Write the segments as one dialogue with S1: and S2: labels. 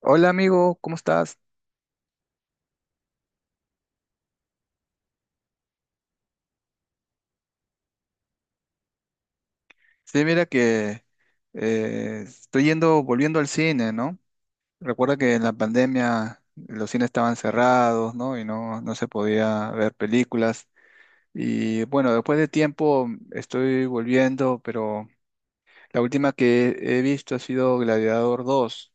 S1: Hola amigo, ¿cómo estás? Sí, mira que estoy yendo, volviendo al cine, ¿no? Recuerda que en la pandemia los cines estaban cerrados, ¿no? Y no, no se podía ver películas. Y bueno, después de tiempo estoy volviendo, pero la última que he visto ha sido Gladiador dos.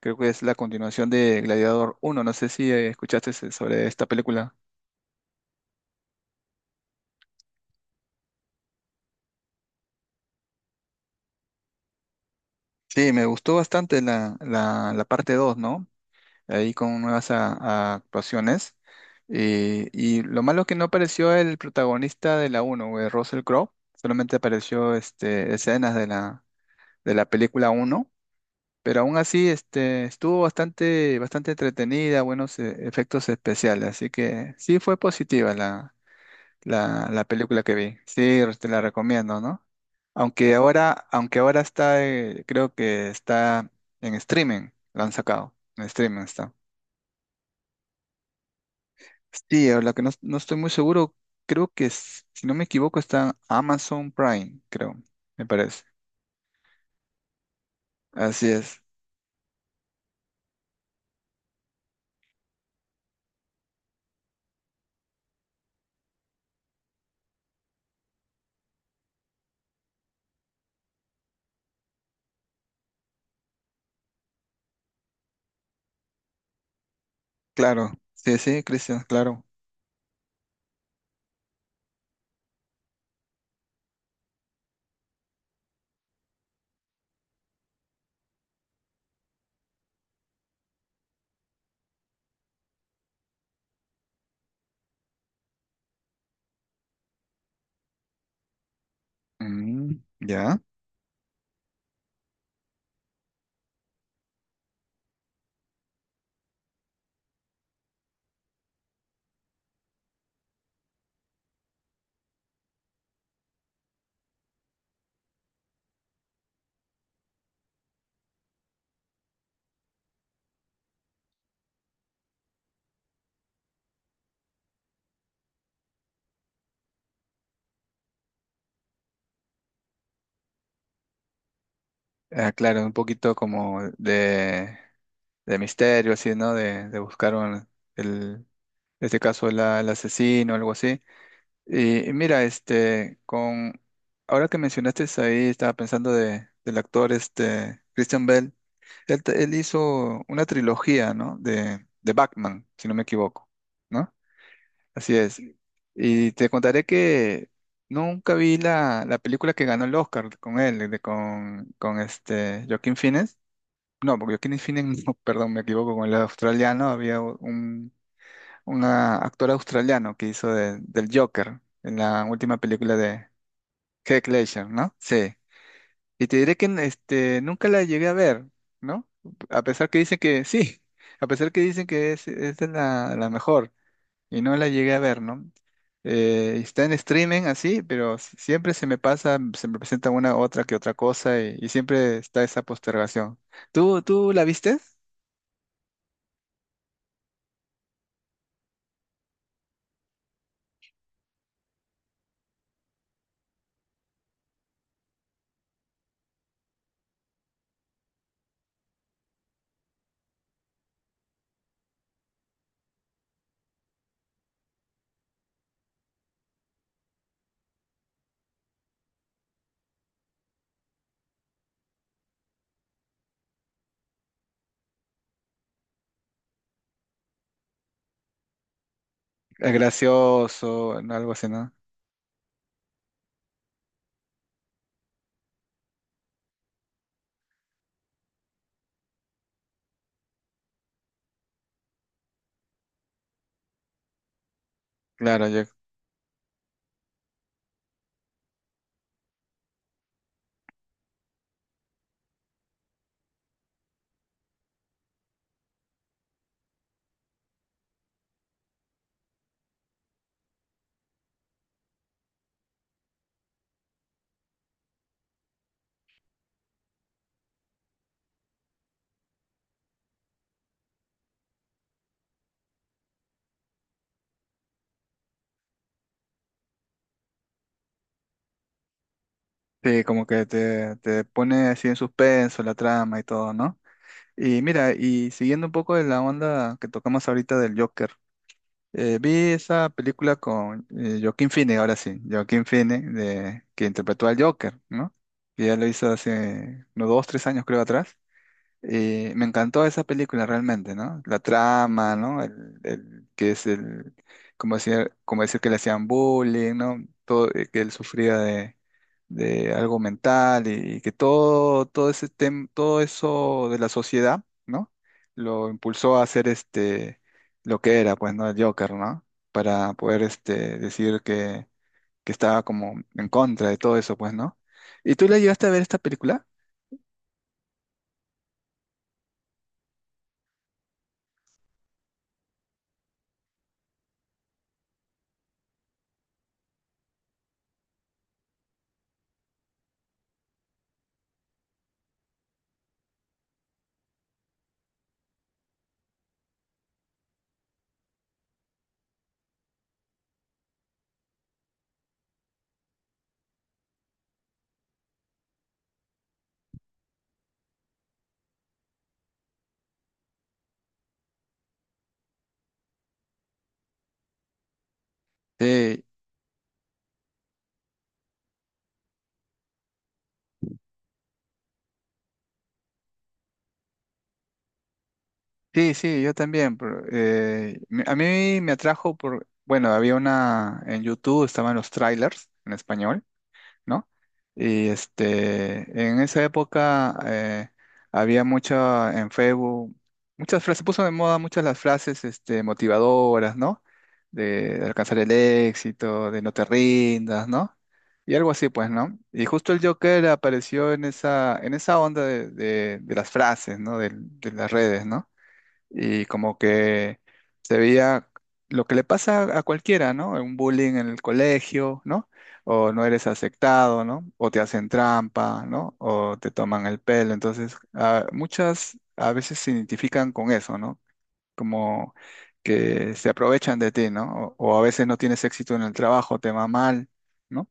S1: Creo que es la continuación de Gladiador uno. No sé si escuchaste sobre esta película. Sí, me gustó bastante la parte 2, ¿no? Ahí con nuevas a actuaciones. Y lo malo es que no apareció el protagonista de la uno, güey, Russell Crowe. Solamente apareció escenas de la película uno. Pero aún así estuvo bastante, bastante entretenida, buenos efectos especiales. Así que sí fue positiva la película que vi. Sí, te la recomiendo, ¿no? Aunque ahora está, creo que está en streaming, la han sacado. En streaming está. Sí, a la que no, no estoy muy seguro, creo que si no me equivoco está en Amazon Prime, creo, me parece. Así es, claro, sí, sí, Cristian, claro. Mm, ya. Ah, claro, un poquito como de misterio, así, ¿no? De buscar el, en este caso el asesino, algo así. Y mira, ahora que mencionaste ahí, estaba pensando del actor, Christian Bale. Él, él hizo una trilogía, ¿no? De Batman, si no me equivoco, ¿no? Así es. Y te contaré que nunca vi la película que ganó el Oscar con él, con este Joaquin Phoenix. No, porque Joaquin Phoenix, no, perdón, me equivoco, con el australiano había un una actor australiano que hizo del Joker en la última película de Heath Ledger, ¿no? Sí. Y te diré que nunca la llegué a ver, ¿no? A pesar que dicen que sí, a pesar que dicen que es de la mejor y no la llegué a ver, ¿no? Está en streaming así, pero siempre se me pasa, se me presenta una otra que otra cosa y siempre está esa postergación. ¿Tú la viste? Es gracioso, ¿no? Algo así, ¿no? Claro, sí, como que te pone así en suspenso la trama y todo, ¿no? Y mira, y siguiendo un poco de la onda que tocamos ahorita del Joker. Vi esa película con Joaquín Phoenix, ahora sí, Joaquín Phoenix, que interpretó al Joker, ¿no? Que ya lo hizo hace unos dos, tres años, creo, atrás. Y me encantó esa película realmente, ¿no? La trama, ¿no? Que es el, como decir que le hacían bullying, ¿no? Todo, que él sufría de algo mental y, que todo eso de la sociedad, ¿no? Lo impulsó a hacer lo que era, pues, ¿no? El Joker, ¿no? Para poder decir que estaba como en contra de todo eso, pues, ¿no? ¿Y tú le llegaste a ver esta película? Sí, sí, sí, yo también. Pero, a mí me atrajo por, bueno, había una en YouTube, estaban los trailers en español, ¿no? Y en esa época había mucha en Facebook, muchas frases, se puso de moda muchas las frases motivadoras, ¿no? De alcanzar el éxito, de no te rindas, ¿no? Y algo así, pues, ¿no? Y justo el Joker apareció en esa onda de las frases, ¿no? De las redes, ¿no? Y como que se veía lo que le pasa a cualquiera, ¿no? Un bullying en el colegio, ¿no? O no eres aceptado, ¿no? O te hacen trampa, ¿no? O te toman el pelo. Entonces, ah, muchas a veces se identifican con eso, ¿no? Como que se aprovechan de ti, ¿no? O a veces no tienes éxito en el trabajo, te va mal. ¿No?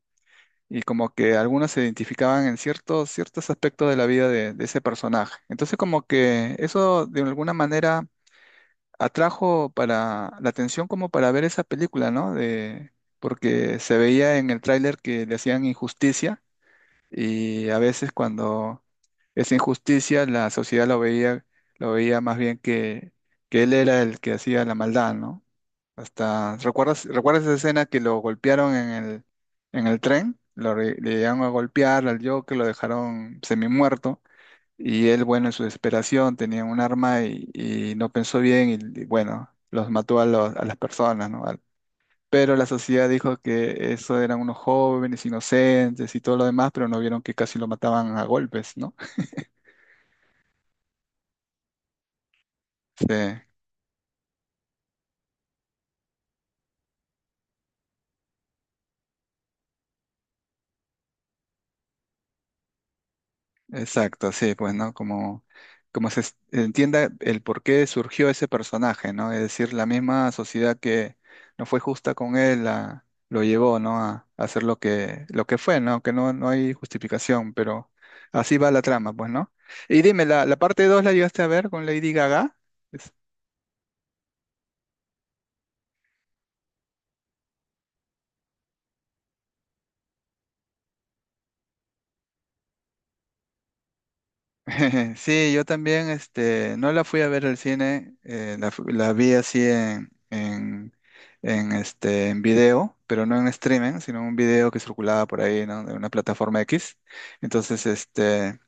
S1: Y como que algunos se identificaban en ciertos, ciertos aspectos de la vida de ese personaje. Entonces como que eso de alguna manera atrajo para la atención como para ver esa película, ¿no? De, porque se veía en el tráiler que le hacían injusticia y a veces cuando esa injusticia la sociedad lo veía, más bien que él era el que hacía la maldad, ¿no? Hasta, ¿recuerdas esa escena que lo golpearon en el tren? Le llegaron a golpear al Joker, lo dejaron semi muerto y él, bueno, en su desesperación tenía un arma y no pensó bien bueno, los mató a las personas, ¿no? Pero la sociedad dijo que eso eran unos jóvenes inocentes y todo lo demás, pero no vieron que casi lo mataban a golpes, ¿no? Sí. Exacto, sí, pues, ¿no? Como se entienda el por qué surgió ese personaje, ¿no? Es decir, la misma sociedad que no fue justa con él lo llevó, ¿no? A hacer lo que fue, ¿no? Que no, no hay justificación, pero así va la trama, pues, ¿no? Y dime, ¿la parte 2 la llegaste a ver con Lady Gaga? Sí, yo también, no la fui a ver al cine, la vi así en, en video, pero no en streaming, sino en un video que circulaba por ahí, ¿no? De una plataforma X. Entonces,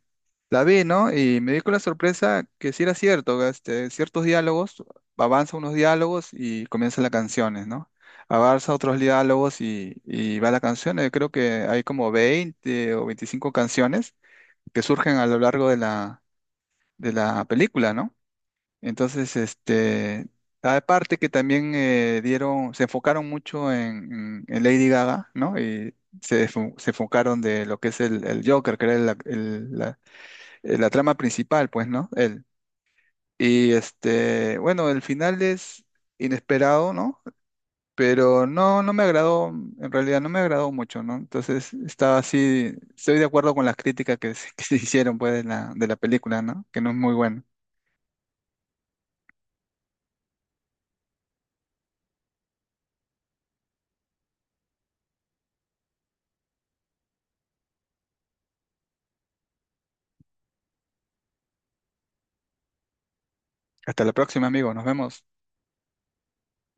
S1: la vi, ¿no? Y me di con la sorpresa que sí era cierto, que, ciertos diálogos, avanza unos diálogos y comienzan las canciones, ¿no? Avanza otros diálogos y va la canción. Creo que hay como 20 o 25 canciones que surgen a lo largo de la película, ¿no? Entonces, aparte que también se enfocaron mucho en, en Lady Gaga, ¿no? Y se enfocaron de lo que es el Joker, que era la trama principal, pues, ¿no? Él. Y bueno, el final es inesperado, ¿no? Pero no, no me agradó, en realidad no me agradó mucho, ¿no? Entonces estaba así, estoy de acuerdo con las críticas que se hicieron, pues, de la película, ¿no? Que no es muy buena. Hasta la próxima, amigo. Nos vemos.